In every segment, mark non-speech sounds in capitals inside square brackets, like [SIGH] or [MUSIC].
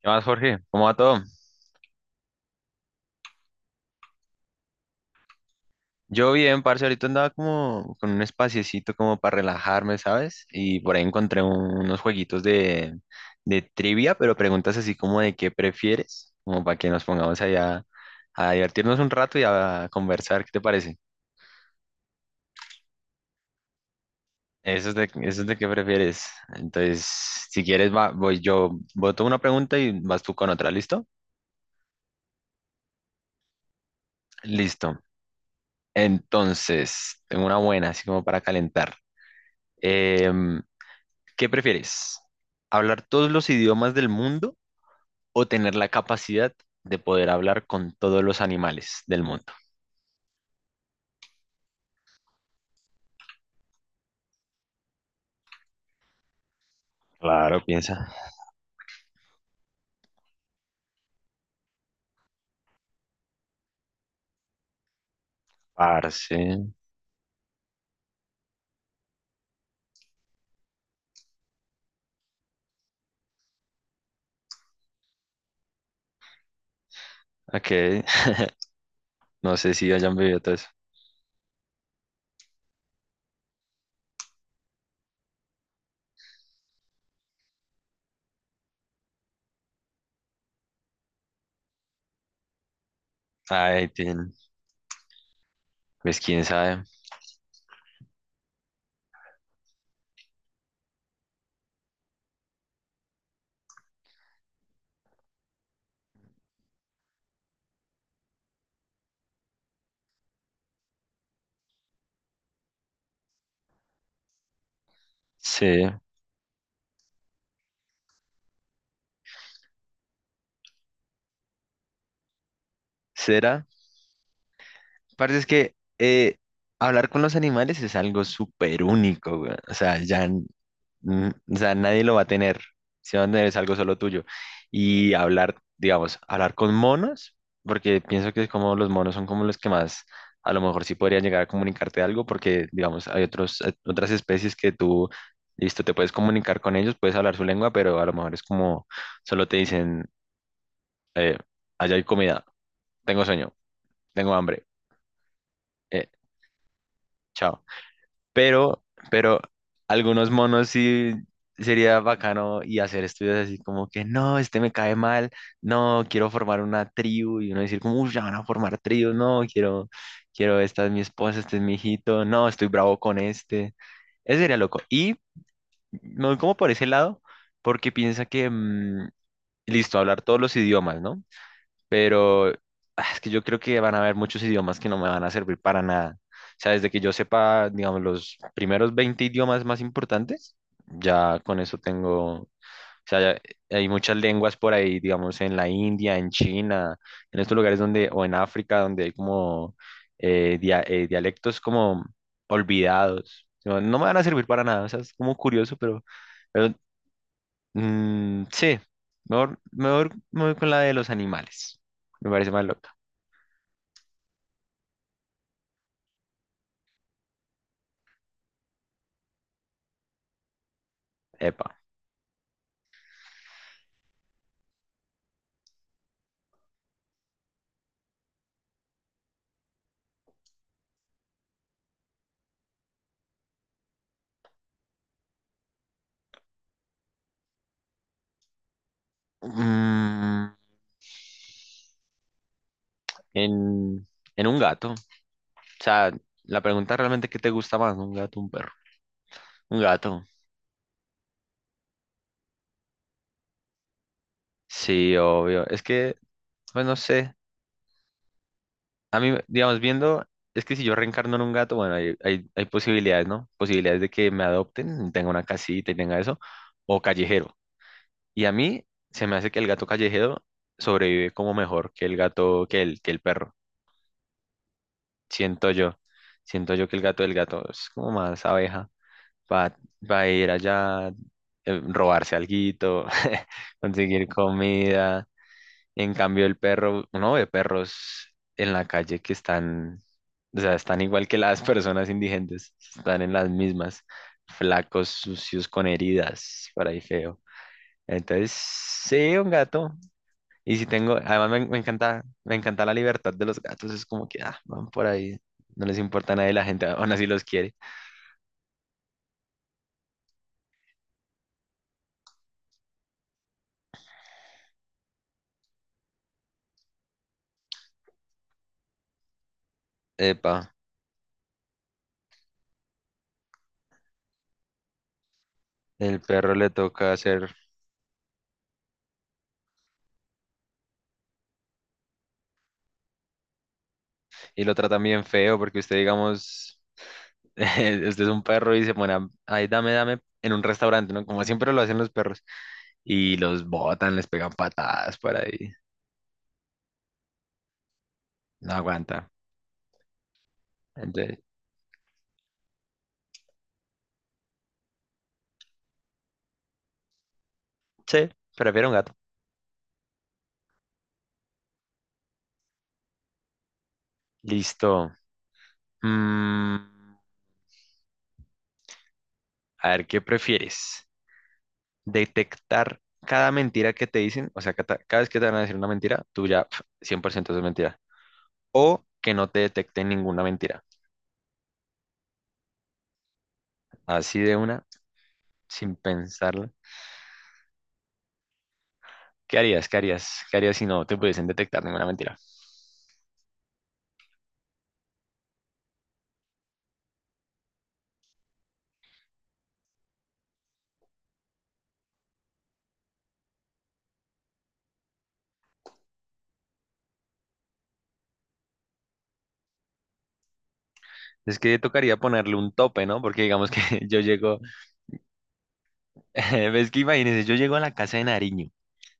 ¿Qué más, Jorge? ¿Cómo va todo? Yo bien, parce, ahorita andaba como con un espaciecito como para relajarme, ¿sabes? Y por ahí encontré unos jueguitos de trivia, pero preguntas así como de qué prefieres, como para que nos pongamos allá a divertirnos un rato y a conversar, ¿qué te parece? Eso es de qué prefieres. Entonces, si quieres, voy yo, voto una pregunta y vas tú con otra, ¿listo? Listo. Entonces, tengo una buena, así como para calentar. Em, ¿Qué prefieres? ¿Hablar todos los idiomas del mundo o tener la capacidad de poder hablar con todos los animales del mundo? Claro, piensa. Parce. Ok. No sé si hayan vivido todo eso. Ay, tin, pues quién sabe. Sí. ¿Será? Parce, es que hablar con los animales es algo súper único, güey. O sea, o sea, nadie lo va a tener. Si van a tener es algo solo tuyo. Y hablar, digamos, hablar con monos, porque pienso que es como los monos son como los que más, a lo mejor sí podrían llegar a comunicarte algo, porque, digamos, hay otros, otras especies que tú, listo, te puedes comunicar con ellos, puedes hablar su lengua, pero a lo mejor es como, solo te dicen, eh, allá hay comida, tengo sueño, tengo hambre, eh, chao. pero, pero algunos monos sí sería bacano y hacer estudios así como que no, este me cae mal, no, quiero formar una tribu y uno decir como, uy, ya van a formar tribu, no, quiero, esta es mi esposa, este es mi hijito, no, estoy bravo con este, eso sería loco. Y me voy como por ese lado porque piensa que, listo, hablar todos los idiomas, ¿no? Pero ah, es que yo creo que van a haber muchos idiomas que no me van a servir para nada. O sea, desde que yo sepa, digamos, los primeros 20 idiomas más importantes, ya con eso tengo, o sea, hay muchas lenguas por ahí, digamos, en la India, en China, en estos lugares donde, o en África, donde hay como dialectos como olvidados. No, no me van a servir para nada, o sea, es como curioso, pero Mm, sí, mejor me voy con la de los animales. Me parece más loca. Epa. Mm, en, en un gato. O sea, la pregunta realmente, ¿qué te gusta más? ¿Un gato o un perro? Un gato. Sí, obvio. Es que, pues no sé. A mí, digamos, viendo, es que si yo reencarno en un gato, bueno, hay posibilidades, ¿no? Posibilidades de que me adopten, tenga una casita y tenga eso, o callejero. Y a mí se me hace que el gato callejero sobrevive como mejor que el gato, que el perro. Siento yo. Siento yo que el gato del gato es como más abeja. Va, va a ir allá, robarse alguito, [LAUGHS] conseguir comida. En cambio, el perro, uno ve perros en la calle que están, o sea, están igual que las personas indigentes, están en las mismas, flacos, sucios, con heridas, por ahí feo. Entonces, sí, un gato, y si tengo, además me encanta la libertad de los gatos, es como que, ah, van por ahí, no les importa a nadie, la gente aún así los quiere. Epa, el perro le toca hacer, y lo tratan bien feo, porque usted, digamos, [LAUGHS] usted es un perro y se pone, ay, dame, dame, en un restaurante, ¿no? Como siempre lo hacen los perros, y los botan, les pegan patadas por ahí, no aguanta. Entonces, sí, prefiero un gato. Listo. Mm, a ver, ¿qué prefieres? Detectar cada mentira que te dicen, o sea, cada vez que te van a decir una mentira, tú ya 100% es mentira. O que no te detecten ninguna mentira. Así de una, sin pensarlo. ¿Qué harías si no te pudiesen detectar ninguna mentira? Es que tocaría ponerle un tope, ¿no? Porque digamos que [LAUGHS] yo llego, [LAUGHS] ves que imagínense, yo llego a la casa de Nariño.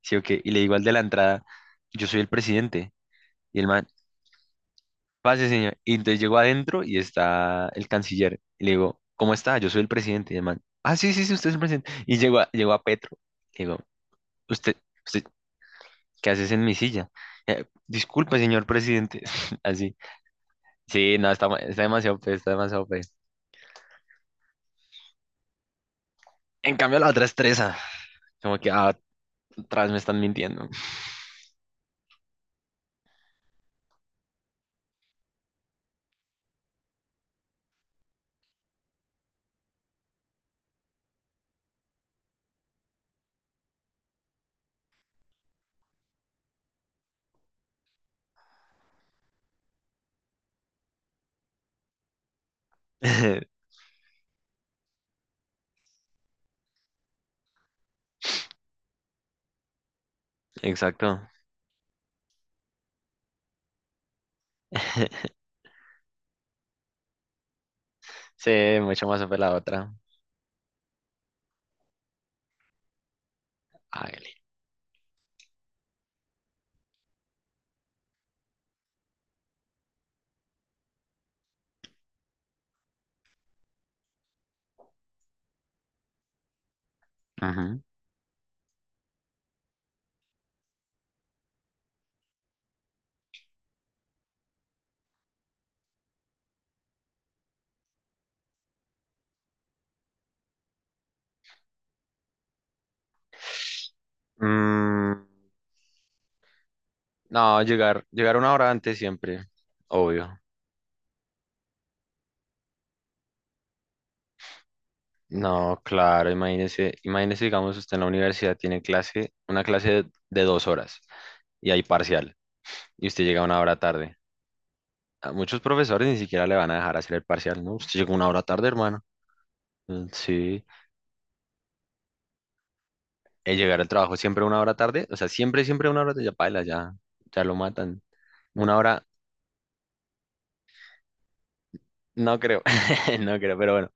¿Sí o qué? Y le digo al de la entrada, yo soy el presidente. Y el man, pase, señor. Y entonces llego adentro y está el canciller. Y le digo, ¿cómo está? Yo soy el presidente. Y el man, ah, sí, sí, sí, usted es el presidente. Y llego a, llego a Petro. Le digo, usted, usted, ¿qué haces en mi silla? Eh, disculpe, señor presidente. [LAUGHS] Así. Sí, no, está, está demasiado fe. En cambio, la otra estresa. Como que ah, atrás me están mintiendo. [LAUGHS] Exacto. [LAUGHS] Sí, mucho más fue la otra. Hágale. Ujú. Mm, no, llegar 1 hora antes siempre, obvio. No, claro, imagínese, digamos, usted en la universidad tiene clase, una clase de, 2 horas y hay parcial, y usted llega 1 hora tarde. A muchos profesores ni siquiera le van a dejar hacer el parcial, ¿no? Usted llega una hora tarde, hermano. Mm, sí, el llegar al trabajo siempre 1 hora tarde, o sea, siempre, siempre 1 hora tarde, ya paila, ya lo matan. 1 hora, No creo, [LAUGHS] no creo, pero bueno.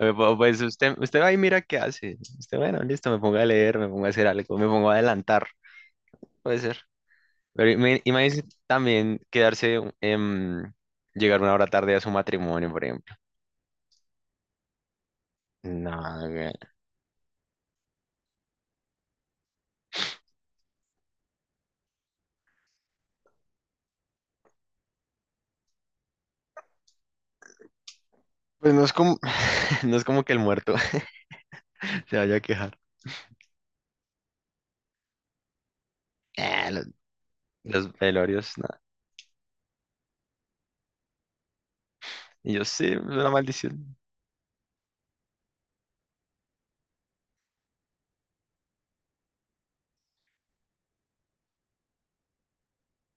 Pues usted, usted va y mira qué hace. Usted, bueno, listo, me pongo a leer, me pongo a hacer algo, me pongo a adelantar, puede ser. Pero imagínese también quedarse, llegar 1 hora tarde a su matrimonio, por ejemplo. No, güey. Pues no es como, [LAUGHS] no es como que el muerto [LAUGHS] se vaya a quejar. Eh, los, los velorios, nada. Y yo sí, es una maldición.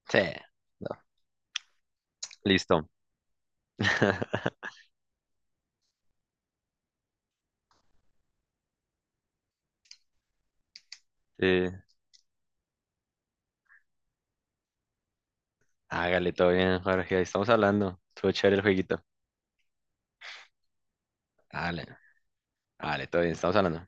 Sí, no, listo. [LAUGHS] Sí, hágale, todo bien, Jorge, ahí estamos hablando. Estuvo chévere el jueguito. Dale. Vale, todo bien, estamos hablando.